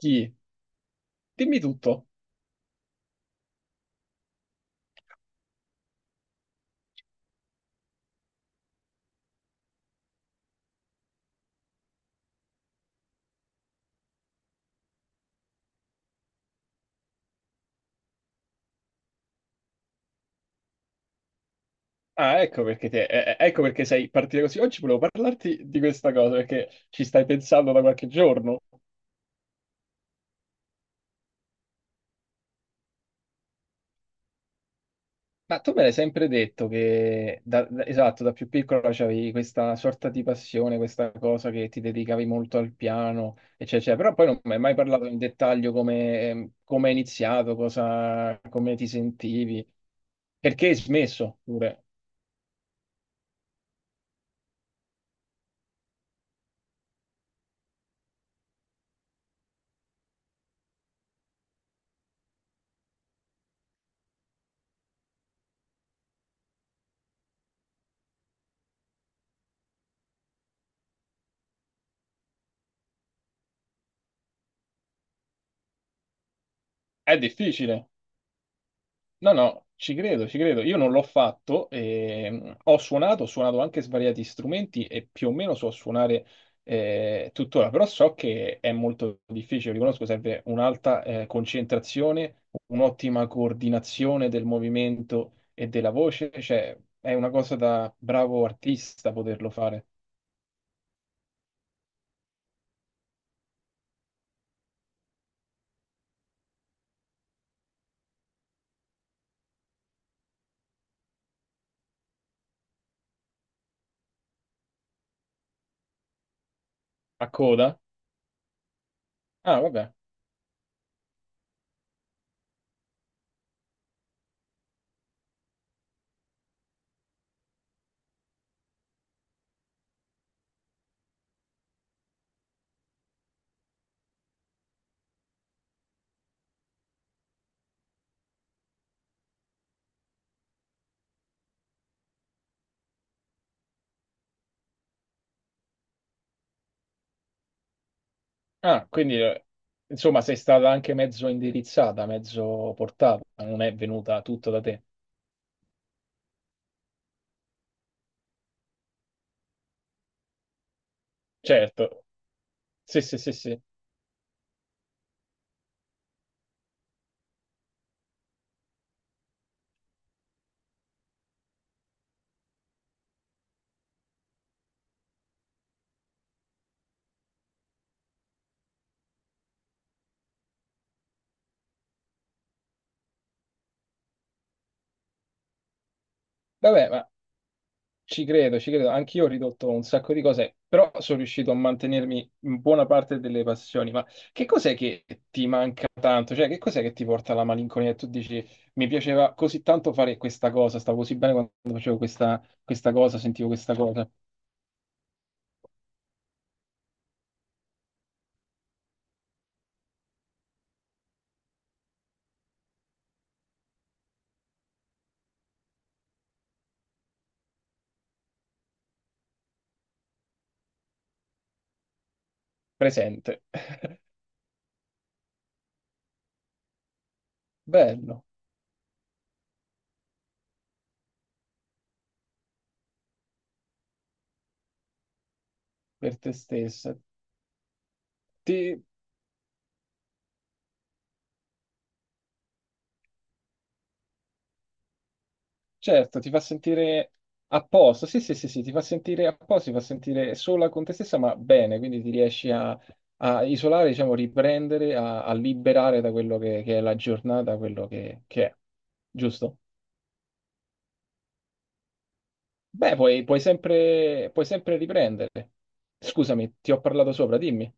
Chi? Dimmi tutto. Ah, ecco perché te, ecco perché sei partita così. Oggi volevo parlarti di questa cosa perché ci stai pensando da qualche giorno. Ma tu me l'hai sempre detto che, esatto, da più piccola c'avevi questa sorta di passione, questa cosa che ti dedicavi molto al piano, eccetera, eccetera. Però poi non mi hai mai parlato in dettaglio come, come hai iniziato, cosa, come ti sentivi, perché hai smesso pure. È difficile. No, no, ci credo, ci credo. Io non l'ho fatto, ho suonato anche svariati strumenti e più o meno so suonare tuttora, però so che è molto difficile, riconosco, serve un'alta concentrazione, un'ottima coordinazione del movimento e della voce, cioè è una cosa da bravo artista poterlo fare. A coda? Ah, vabbè. Ah, quindi insomma sei stata anche mezzo indirizzata, mezzo portata, non è venuta tutto da te. Certo. Sì, sì, sì, sì. Vabbè, ma ci credo, ci credo. Anch'io ho ridotto un sacco di cose, però sono riuscito a mantenermi in buona parte delle passioni. Ma che cos'è che ti manca tanto? Cioè, che cos'è che ti porta alla malinconia? E tu dici, mi piaceva così tanto fare questa cosa, stavo così bene quando facevo questa cosa, sentivo questa cosa. Presente. Bello per te stessa. Ti- Certo, ti fa sentire a posto, sì, sì, sì, sì, ti fa sentire a posto, ti fa sentire sola con te stessa, ma bene, quindi ti riesci a, a isolare, diciamo, riprendere, a, a liberare da quello che è la giornata, quello che è, giusto? Beh, puoi, puoi sempre riprendere. Scusami, ti ho parlato sopra, dimmi.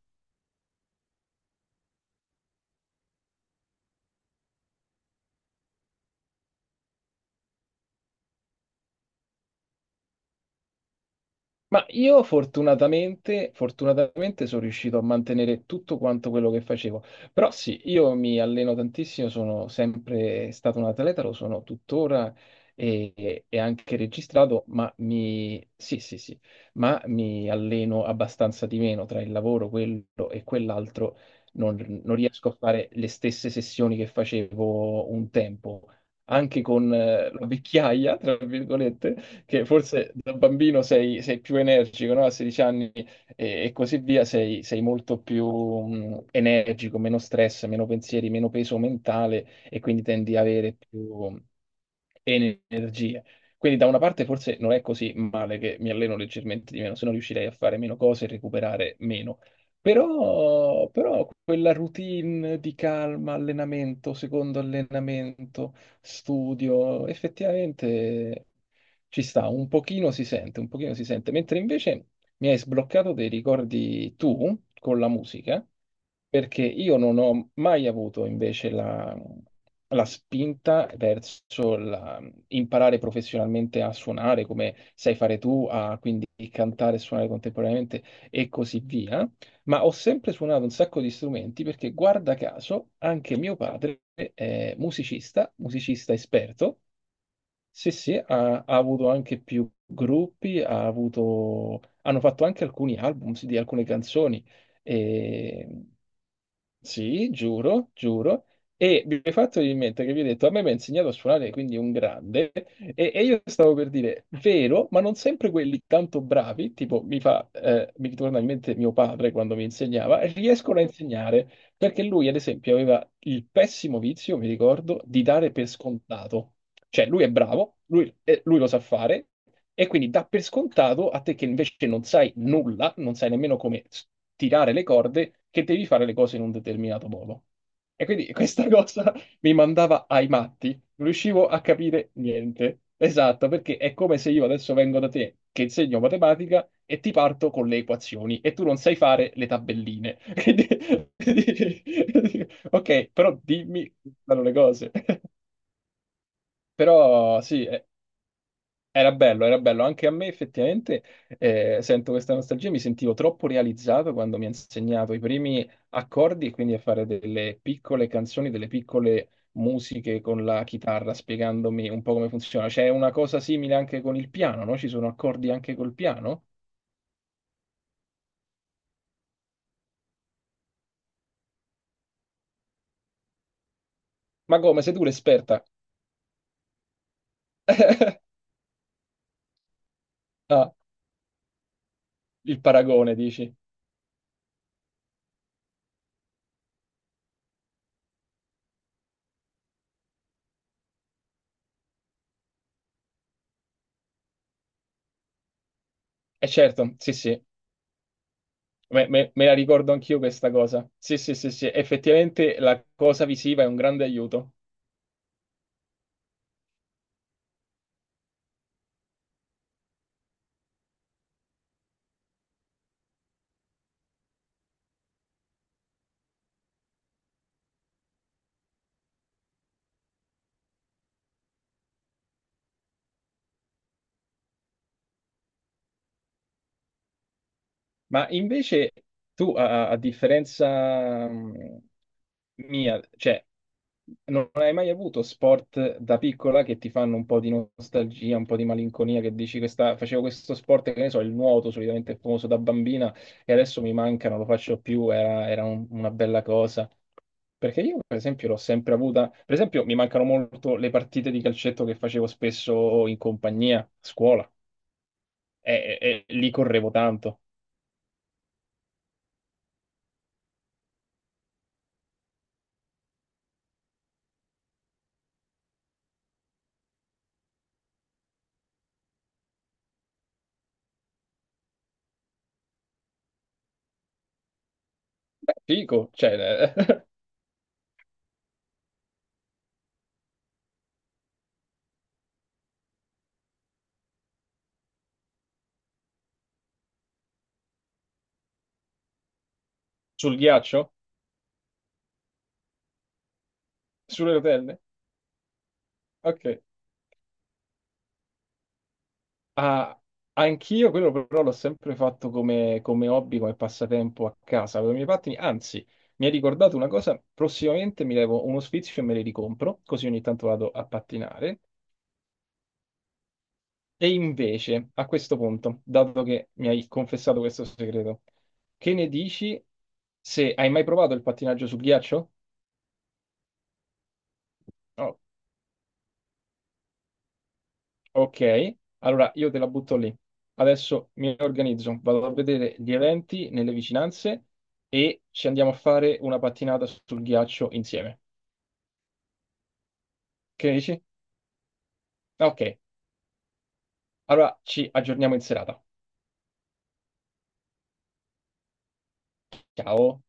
Ma io fortunatamente, fortunatamente sono riuscito a mantenere tutto quanto quello che facevo. Però sì, io mi alleno tantissimo, sono sempre stato un atleta, lo sono tuttora e anche registrato, ma mi, sì, sì, sì, ma mi alleno abbastanza di meno tra il lavoro, quello e quell'altro. Non riesco a fare le stesse sessioni che facevo un tempo, anche con la vecchiaia, tra virgolette, che forse da bambino sei, sei più energico, no? A 16 anni e così via, sei, sei molto più energico, meno stress, meno pensieri, meno peso mentale e quindi tendi ad avere più energie. Quindi da una parte forse non è così male che mi alleno leggermente di meno, se no riuscirei a fare meno cose e recuperare meno. Però, però quella routine di calma, allenamento, secondo allenamento, studio, effettivamente ci sta, un pochino si sente, un pochino si sente, mentre invece mi hai sbloccato dei ricordi tu con la musica, perché io non ho mai avuto invece la spinta verso la- imparare professionalmente a suonare come sai fare tu, a quindi cantare e suonare contemporaneamente e così via. Ma ho sempre suonato un sacco di strumenti perché, guarda caso, anche mio padre è musicista, musicista esperto. Sì, sì, ha, ha avuto anche più gruppi, ha avuto, hanno fatto anche alcuni album di alcune canzoni. E sì, giuro, giuro. E mi hai fatto venire in mente che vi ho detto, a me mi ha insegnato a suonare, quindi un grande, e io stavo per dire, vero, ma non sempre quelli tanto bravi, tipo mi fa, mi torna in mente mio padre quando mi insegnava, riescono a insegnare. Perché lui, ad esempio, aveva il pessimo vizio, mi ricordo, di dare per scontato. Cioè, lui è bravo, lui, lui lo sa fare, e quindi dà per scontato a te che invece non sai nulla, non sai nemmeno come tirare le corde, che devi fare le cose in un determinato modo. E quindi questa cosa mi mandava ai matti, non riuscivo a capire niente. Esatto, perché è come se io adesso vengo da te, che insegno matematica, e ti parto con le equazioni e tu non sai fare le tabelline. Quindi- Ok, però dimmi quali sono le cose. Però sì, è, era bello, era bello. Anche a me effettivamente sento questa nostalgia, mi sentivo troppo realizzato quando mi ha insegnato i primi accordi e quindi a fare delle piccole canzoni, delle piccole musiche con la chitarra, spiegandomi un po' come funziona. C'è una cosa simile anche con il piano, no? Ci sono accordi anche col piano? Ma come, sei tu l'esperta? Ah, il paragone, dici? Eh certo, sì, sì. Me la ricordo anch'io questa cosa. Sì, sì, sì, sì, effettivamente la cosa visiva è un grande aiuto. Ma invece tu, a, a differenza mia, cioè, non hai mai avuto sport da piccola che ti fanno un po' di nostalgia, un po' di malinconia, che dici questa, facevo questo sport, che ne so, il nuoto, solitamente famoso da bambina, e adesso mi manca, non lo faccio più, era, era un- una bella cosa. Perché io, per esempio, l'ho sempre avuta. Per esempio, mi mancano molto le partite di calcetto che facevo spesso in compagnia, a scuola, e, e lì correvo tanto. Figo, cioè, sul ghiaccio? Sulle rotelle? Ok. Ah, anch'io quello però l'ho sempre fatto come, come hobby, come passatempo a casa, con i miei pattini. Anzi, mi hai ricordato una cosa, prossimamente mi levo uno sfizio e me li ricompro, così ogni tanto vado a pattinare. E invece, a questo punto, dato che mi hai confessato questo segreto, che ne dici se hai mai provato il pattinaggio sul ghiaccio? Oh, ok, allora io te la butto lì. Adesso mi organizzo, vado a vedere gli eventi nelle vicinanze e ci andiamo a fare una pattinata sul ghiaccio insieme. Che dici? Ok, allora ci aggiorniamo in serata. Ciao.